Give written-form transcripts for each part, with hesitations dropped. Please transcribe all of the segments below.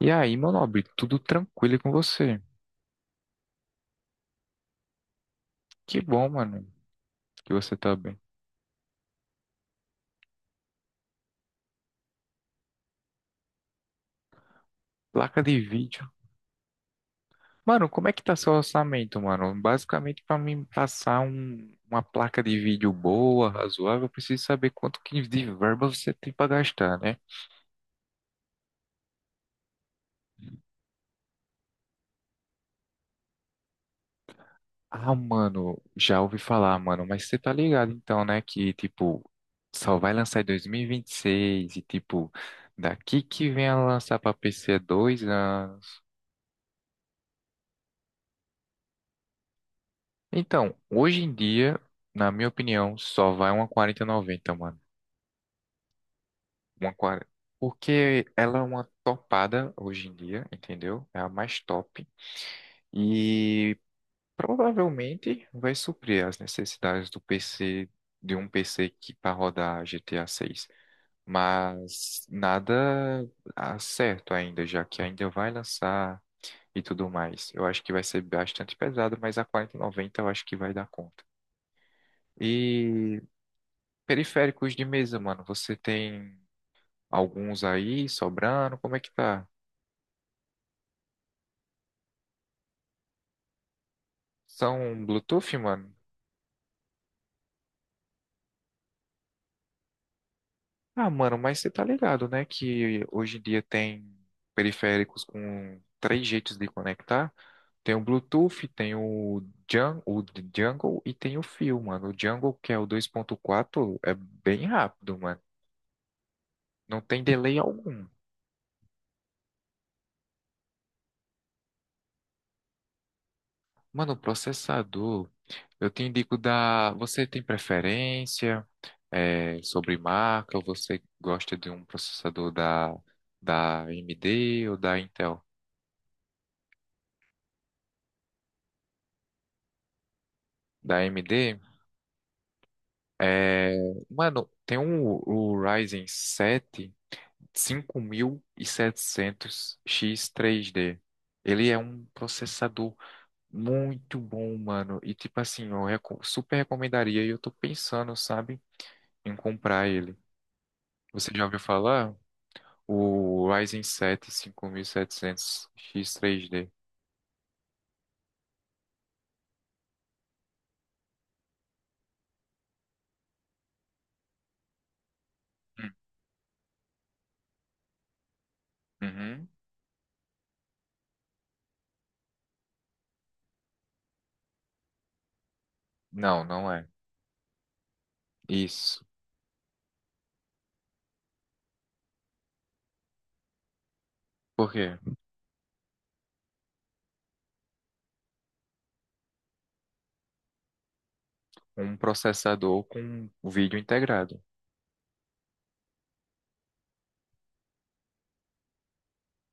E aí, meu nobre, tudo tranquilo com você? Que bom, mano, que você tá bem. Placa de vídeo. Mano, como é que tá seu orçamento, mano? Basicamente, pra mim passar uma placa de vídeo boa, razoável, eu preciso saber quanto que de verba você tem pra gastar, né? Ah, mano, já ouvi falar, mano, mas você tá ligado então, né, que tipo só vai lançar em 2026 e vinte e seis e tipo daqui que vem a lançar pra PC é 2 anos. Então, hoje em dia, na minha opinião, só vai uma 4090 mano. Uma 40 Porque ela é uma topada hoje em dia, entendeu? É a mais top. E provavelmente vai suprir as necessidades de um PC que para rodar GTA 6. Mas nada certo ainda, já que ainda vai lançar e tudo mais. Eu acho que vai ser bastante pesado, mas a 4090 eu acho que vai dar conta. E Periféricos de mesa, mano. Você tem alguns aí sobrando? Como é que tá? São Bluetooth, mano? Ah, mano, mas você tá ligado, né? Que hoje em dia tem periféricos com três jeitos de conectar. Tem o Bluetooth, tem o Jungle e tem o Fio, mano. O Jungle, que é o 2.4, é bem rápido, mano. Não tem delay algum. Mano, o processador, eu te indico da. Você tem preferência? Sobre marca ou você gosta de um processador da AMD ou da Intel? Da AMD, é, mano, tem o Ryzen 7 5700X3D. Ele é um processador muito bom, mano. E tipo assim, eu super recomendaria e eu tô pensando, sabe, em comprar ele. Você já ouviu falar? O Ryzen 7 5700X3D. Hum. Uhum. Não, não é. Isso. Por quê? Um processador com o vídeo integrado.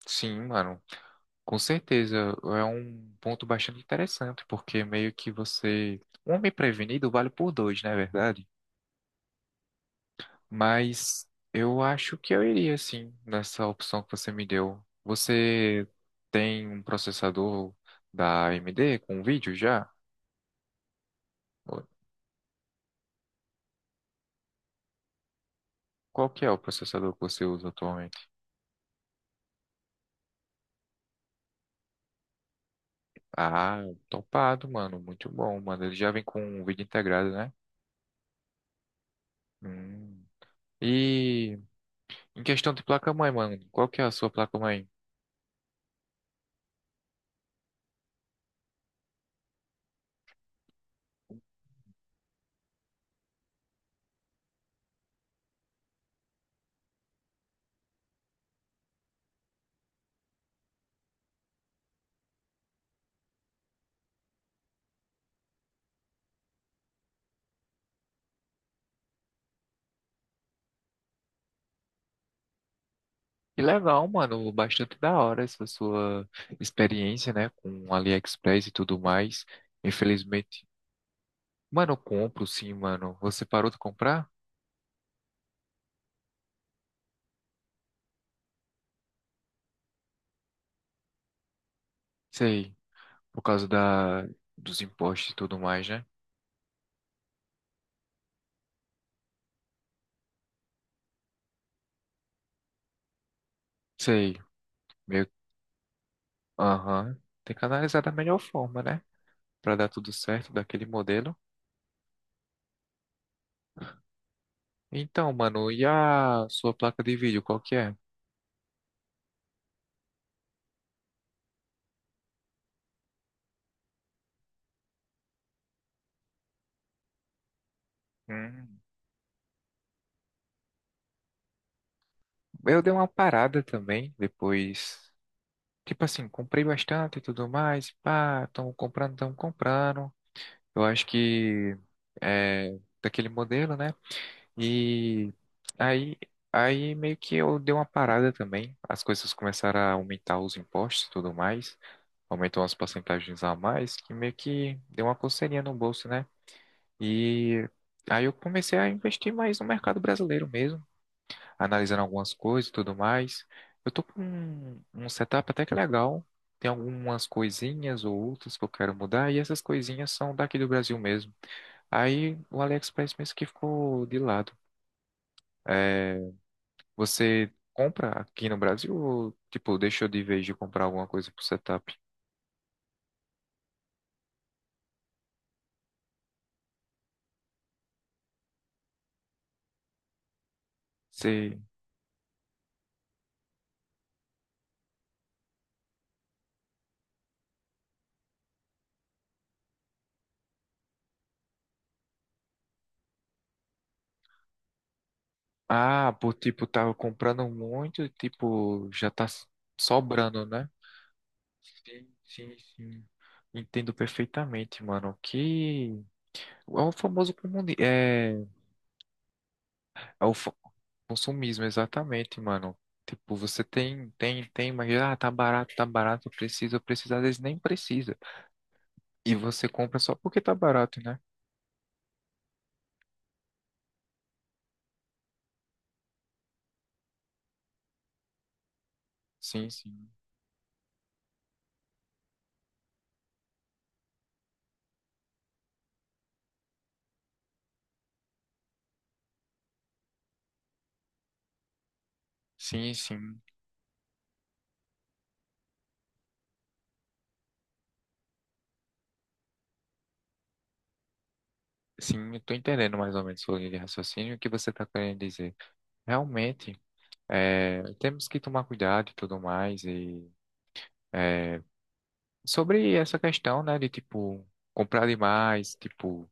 Sim, mano. Com certeza. É um ponto bastante interessante, porque meio que você. Um homem prevenido vale por dois, não é verdade? Mas eu acho que eu iria, sim, nessa opção que você me deu. Você tem um processador da AMD com vídeo já? Qual que é o processador que você usa atualmente? Ah, topado, mano. Muito bom, mano. Ele já vem com um vídeo integrado, né? Hum. E em questão de placa-mãe, mano, qual que é a sua placa-mãe? Que legal, mano. Bastante da hora essa sua experiência, né? Com AliExpress e tudo mais. Infelizmente. Mano, eu compro sim, mano. Você parou de comprar? Sei. Por causa dos impostos e tudo mais, né? Sei. Meio. Aham. Tem que analisar da melhor forma, né? Pra dar tudo certo daquele modelo. Então, mano, e a sua placa de vídeo, qual que é? Hum, eu dei uma parada também, depois. Tipo assim, comprei bastante e tudo mais. Pá, tão comprando, tão comprando. Eu acho que é daquele modelo, né? E aí, aí meio que eu dei uma parada também. As coisas começaram a aumentar os impostos e tudo mais. Aumentou as porcentagens a mais, que meio que deu uma coceirinha no bolso, né? E aí eu comecei a investir mais no mercado brasileiro mesmo, analisando algumas coisas e tudo mais. Eu tô com um setup até que legal. Tem algumas coisinhas ou outras que eu quero mudar, e essas coisinhas são daqui do Brasil mesmo. Aí o AliExpress mesmo que ficou de lado. É, você compra aqui no Brasil ou, tipo, deixou de vez de comprar alguma coisa pro setup? Você... Ah, por, tipo, tava comprando muito, e, tipo, já tá sobrando, né? Sim, sim, sim. Entendo perfeitamente, mano. Que é o famoso comuni... é o consumismo, exatamente, mano. Tipo, você tem, mas tá barato, precisa precisa às vezes nem precisa. E você compra só porque tá barato, né? Sim, sim. Sim, sim. Sim, eu tô entendendo mais ou menos sua linha de raciocínio e o que você tá querendo dizer. Realmente, temos que tomar cuidado e tudo mais. É, Sobre essa questão, né, de tipo comprar demais, tipo,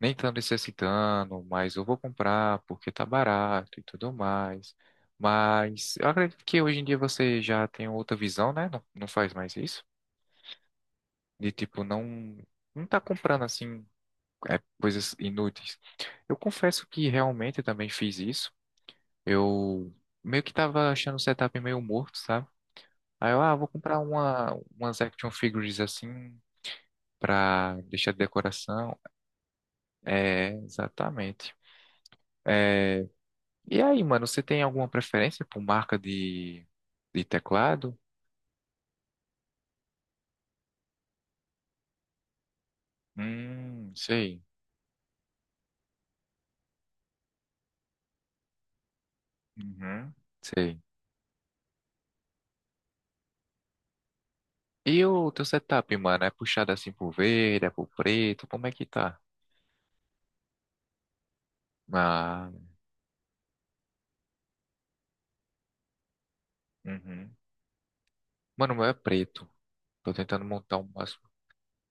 nem tanto necessitando, mas eu vou comprar porque tá barato e tudo mais. Mas eu acredito que hoje em dia você já tem outra visão, né? Não, não faz mais isso. De tipo, não, não tá comprando assim, coisas inúteis. Eu confesso que realmente eu também fiz isso. Eu meio que tava achando o setup meio morto, sabe? Aí eu, vou comprar umas action figures assim pra deixar de decoração. É, exatamente. É, e aí, mano, você tem alguma preferência por marca de teclado? Sei. Uhum, sei. E o teu setup, mano, é puxado assim pro verde, é pro preto? Como é que tá? Ah, uhum. Mano, o meu é preto. Tô tentando montar o máximo.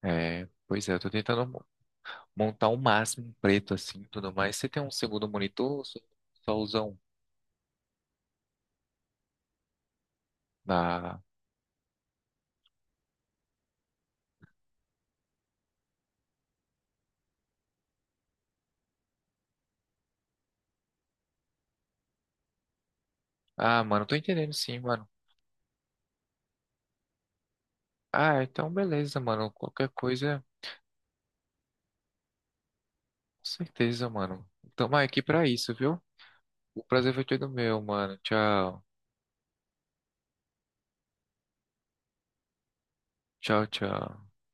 É, pois é, eu tô tentando montar o máximo preto assim, tudo mais. Você tem um segundo monitor ou só usa um? Ah, mano, tô entendendo sim, mano. Ah, então beleza, mano. Qualquer coisa, com certeza, mano. Tamo aqui pra isso, viu? O prazer foi todo meu, mano. Tchau. Tchau, tchau.